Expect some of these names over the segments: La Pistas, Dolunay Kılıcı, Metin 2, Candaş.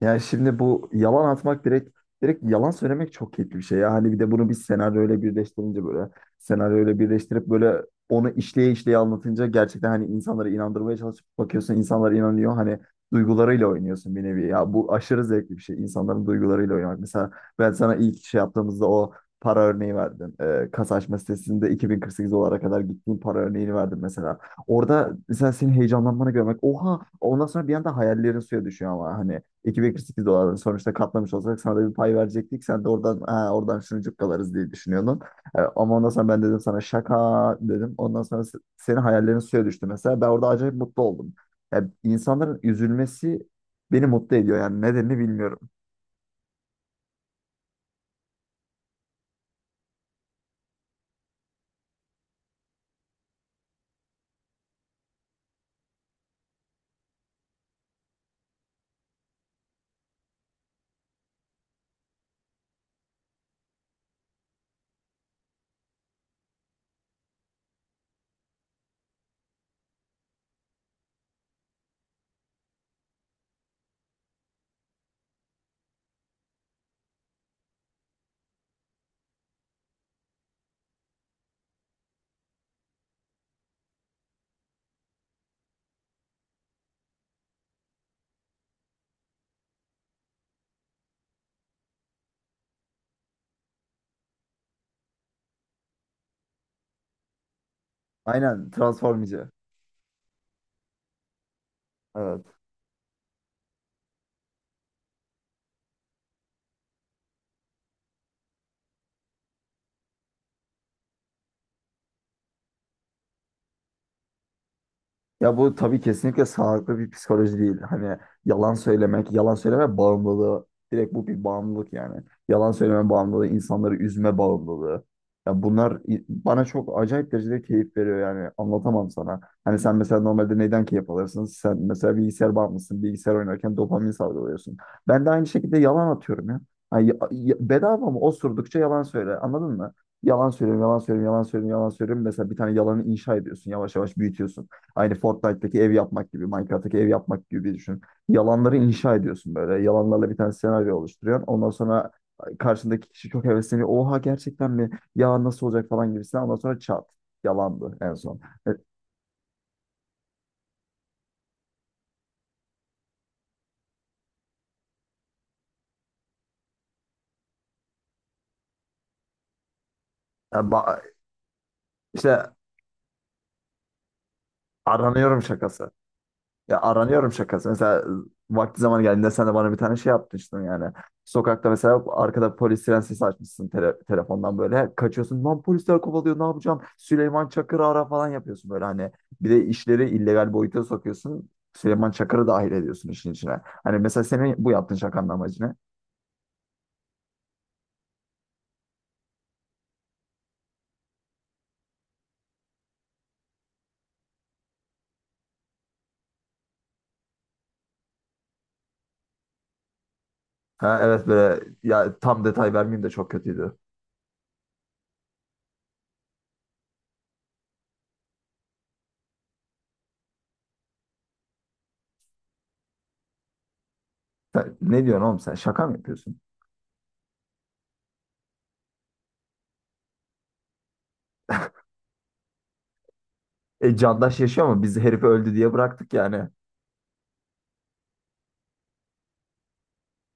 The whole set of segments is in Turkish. Yani şimdi bu yalan atmak direkt yalan söylemek çok keyifli bir şey ya. Hani bir de bunu bir senaryoyla birleştirip böyle onu işleye işleye anlatınca gerçekten, hani, insanları inandırmaya çalışıp bakıyorsun, insanlar inanıyor. Hani duygularıyla oynuyorsun bir nevi. Ya bu aşırı zevkli bir şey. İnsanların duygularıyla oynamak. Mesela ben sana ilk şey yaptığımızda o para örneği verdim. Kasa açma sitesinde 2.048 dolara kadar gittiğim para örneğini verdim mesela. Orada mesela senin heyecanlanmanı görmek. Oha! Ondan sonra bir anda hayallerin suya düşüyor ama hani 2,48 dolar, sonuçta katlamış olsak sana da bir pay verecektik. Sen de oradan ha, oradan şunu cukkalarız diye düşünüyordun. Ama ondan sonra ben dedim sana şaka dedim. Ondan sonra senin hayallerin suya düştü mesela. Ben orada acayip mutlu oldum. Yani insanların üzülmesi beni mutlu ediyor, yani nedenini bilmiyorum. Aynen transformici. Evet. Ya bu tabii kesinlikle sağlıklı bir psikoloji değil. Hani yalan söylemek, yalan söyleme bağımlılığı. Direkt bu bir bağımlılık yani. Yalan söyleme bağımlılığı, insanları üzme bağımlılığı. Ya bunlar, bana çok acayip derecede keyif veriyor, yani anlatamam sana. Hani sen mesela normalde neyden keyif alırsın? Sen mesela bilgisayar bağımlısın. Bilgisayar oynarken dopamin salgılıyorsun. Ben de aynı şekilde yalan atıyorum ya. Hani bedava mı? Osurdukça yalan söyle. Anladın mı? Yalan söylüyorum, yalan söylüyorum, yalan söylüyorum, yalan söylüyorum. Mesela bir tane yalanı inşa ediyorsun. Yavaş yavaş büyütüyorsun. Aynı Fortnite'daki ev yapmak gibi, Minecraft'taki ev yapmak gibi düşün. Yalanları inşa ediyorsun böyle. Yalanlarla bir tane senaryo oluşturuyorsun. Ondan sonra karşındaki kişi çok hevesleniyor. Oha, gerçekten mi? Ya nasıl olacak falan gibisinden. Ondan sonra çat. Yalandı en son. E, e, ba- işte aranıyorum şakası. Ya aranıyorum şakası. Mesela vakti zaman geldiğinde sen de bana bir tane şey yapmıştın yani. Sokakta mesela arkada polis siren sesi açmışsın telefondan böyle. Kaçıyorsun. Lan polisler kovalıyor, ne yapacağım? Süleyman Çakır'ı ara falan yapıyorsun böyle hani. Bir de işleri illegal boyuta sokuyorsun. Süleyman Çakır'ı dahil ediyorsun işin içine. Hani mesela senin bu yaptığın şakanın amacı ne? Ha, evet, böyle ya, tam detay vermeyeyim de çok kötüydü. Ne diyorsun oğlum, sen şaka mı yapıyorsun? E, Candaş yaşıyor mu? Biz herifi öldü diye bıraktık yani.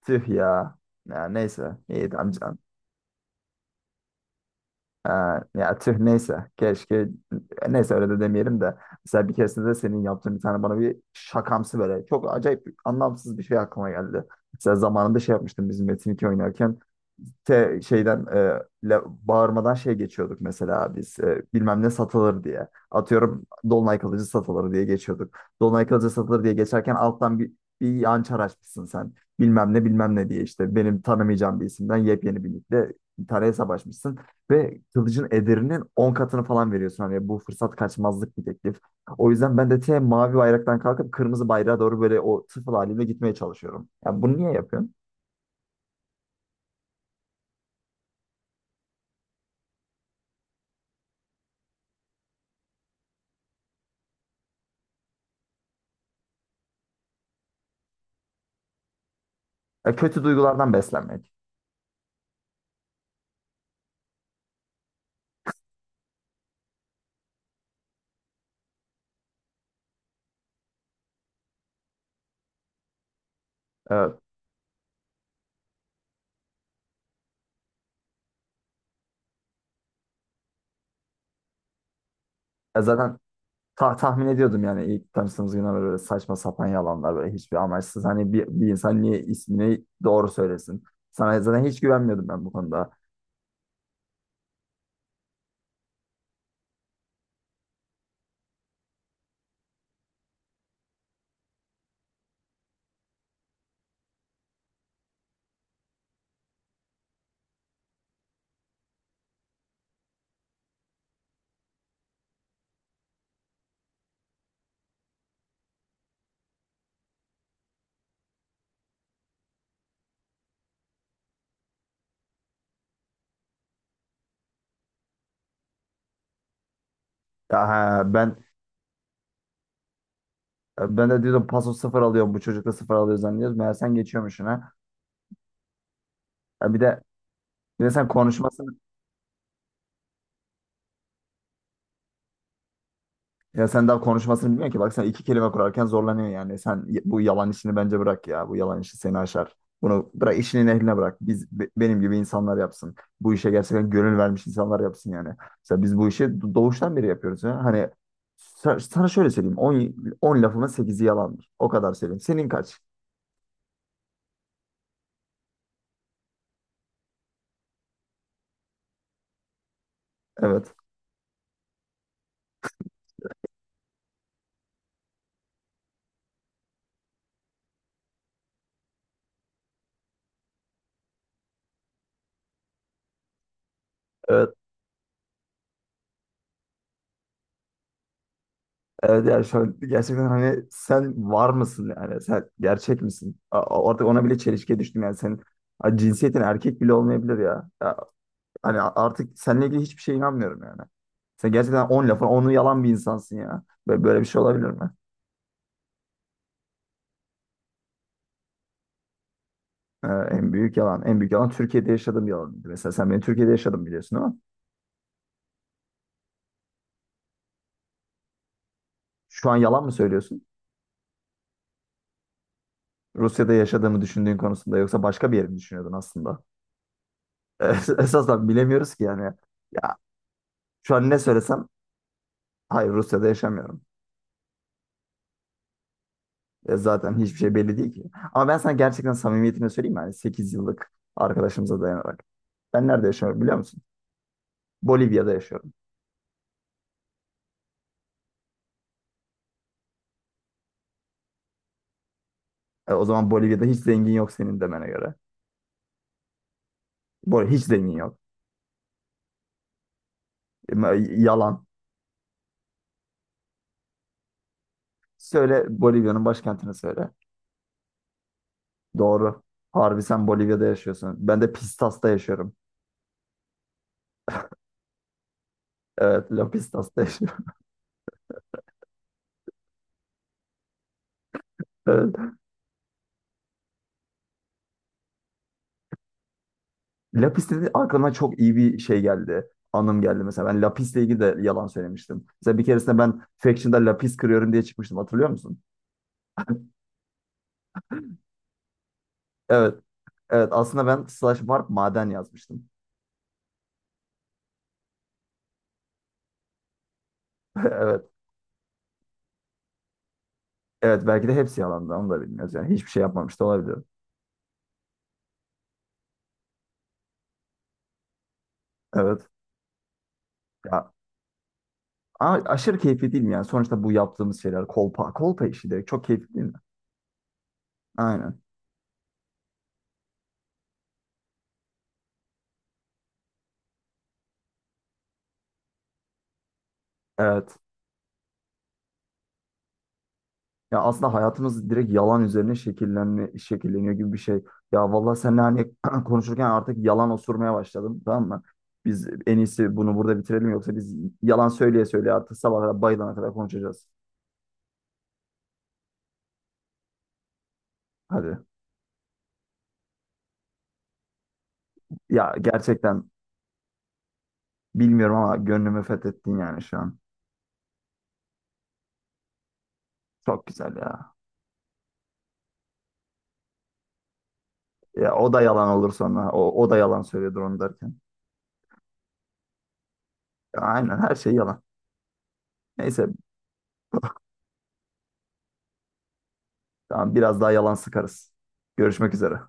Tüh ya. Ya neyse. İyi amcan. Ee, Ya tüh, neyse. Keşke, neyse, öyle de demeyelim de. Mesela bir keresinde de senin yaptığın bir tane bana bir şakamsı böyle. Çok acayip anlamsız bir şey aklıma geldi. Mesela zamanında şey yapmıştım, bizim Metin 2 oynarken şeyden bağırmadan şey geçiyorduk mesela, biz bilmem ne satılır diye. Atıyorum Dolunay Kılıcı satılır diye geçiyorduk. Dolunay Kılıcı satılır diye geçerken alttan bir yançar açmışsın sen. Bilmem ne bilmem ne diye işte, benim tanımayacağım bir isimden yepyeni bir linkle bir tane hesap açmışsın. Ve kılıcın ederinin 10 katını falan veriyorsun. Hani bu fırsat kaçmazlık bir teklif. O yüzden ben de mavi bayraktan kalkıp kırmızı bayrağa doğru böyle o tıfıl halimle gitmeye çalışıyorum. Ya bunu niye yapıyorsun? Ya kötü duygulardan beslenmek. Evet. Ya zaten, tahmin ediyordum yani ilk tanıştığımız günden beri, böyle saçma sapan yalanlar, böyle hiçbir amaçsız. Hani bir insan niye ismini doğru söylesin? Sana zaten hiç güvenmiyordum ben bu konuda. Ya ha, ben de diyordum paso sıfır alıyorum, bu çocukla sıfır alıyor zannediyoruz. Meğer sen geçiyormuşsun ha. Ya bir de bir de sen konuşmasını Ya sen daha konuşmasını bilmiyorsun ki. Bak, sen iki kelime kurarken zorlanıyor yani. Sen bu yalan işini bence bırak ya. Bu yalan işi seni aşar. Bunu bırak, işinin ehline bırak. Biz, benim gibi insanlar yapsın. Bu işe gerçekten gönül vermiş insanlar yapsın yani. Mesela biz bu işi doğuştan beri yapıyoruz ya. Hani sana şöyle söyleyeyim. On lafımın sekizi yalandır. O kadar söyleyeyim. Senin kaç? Evet. Evet. Evet, yani şu an gerçekten, hani, sen var mısın yani? Sen gerçek misin? Artık ona bile çelişkiye düştüm yani. Ha, cinsiyetin erkek bile olmayabilir ya. Hani artık seninle ilgili hiçbir şeye inanmıyorum yani. Sen gerçekten 10 lafın 10'u yalan bir insansın ya. Böyle, böyle bir şey olabilir mi? En büyük yalan. En büyük yalan Türkiye'de yaşadığım yalanıydı. Mesela sen beni Türkiye'de yaşadım biliyorsun, ama şu an yalan mı söylüyorsun? Rusya'da yaşadığımı düşündüğün konusunda, yoksa başka bir yeri mi düşünüyordun aslında? Esasen bilemiyoruz ki yani. Ya şu an ne söylesem, hayır, Rusya'da yaşamıyorum. Zaten hiçbir şey belli değil ki. Ama ben sana gerçekten samimiyetini söyleyeyim mi? Yani 8 yıllık arkadaşımıza dayanarak. Ben nerede yaşıyorum biliyor musun? Bolivya'da yaşıyorum. O zaman Bolivya'da hiç zengin yok senin demene göre. Hiç zengin yok. E, ma- Yalan. Söyle, Bolivya'nın başkentini söyle. Doğru. Harbi sen Bolivya'da yaşıyorsun. Ben de Pistas'ta yaşıyorum. Evet, La Pistas'ta yaşıyorum. Evet. La Pis, aklıma çok iyi bir şey geldi. Anım geldi mesela. Ben La ilgili de yalan söylemiştim. Mesela bir keresinde ben Faction'da La kırıyorum diye çıkmıştım. Hatırlıyor musun? Evet. Evet. Aslında ben slash warp maden yazmıştım. Evet. Evet. Belki de hepsi yalandı. Onu da bilmiyoruz yani. Hiçbir şey yapmamış da olabilir. Evet. Ya, ama aşırı keyifli değil mi yani? Sonuçta bu yaptığımız şeyler kolpa. Kolpa işi direkt çok keyifli değil mi? Aynen. Evet. Ya aslında hayatımız direkt yalan üzerine şekilleniyor gibi bir şey. Ya vallahi seninle hani konuşurken artık yalan osurmaya başladım, tamam mı? Biz en iyisi bunu burada bitirelim, yoksa biz yalan söyleye söyleye artık sabaha kadar, bayılana kadar konuşacağız. Hadi. Ya gerçekten bilmiyorum, ama gönlümü fethettin yani şu an. Çok güzel ya. Ya o da yalan olur sonra. O da yalan söylüyordur onu derken. Ya aynen, her şey yalan. Neyse. Tamam, biraz daha yalan sıkarız. Görüşmek üzere.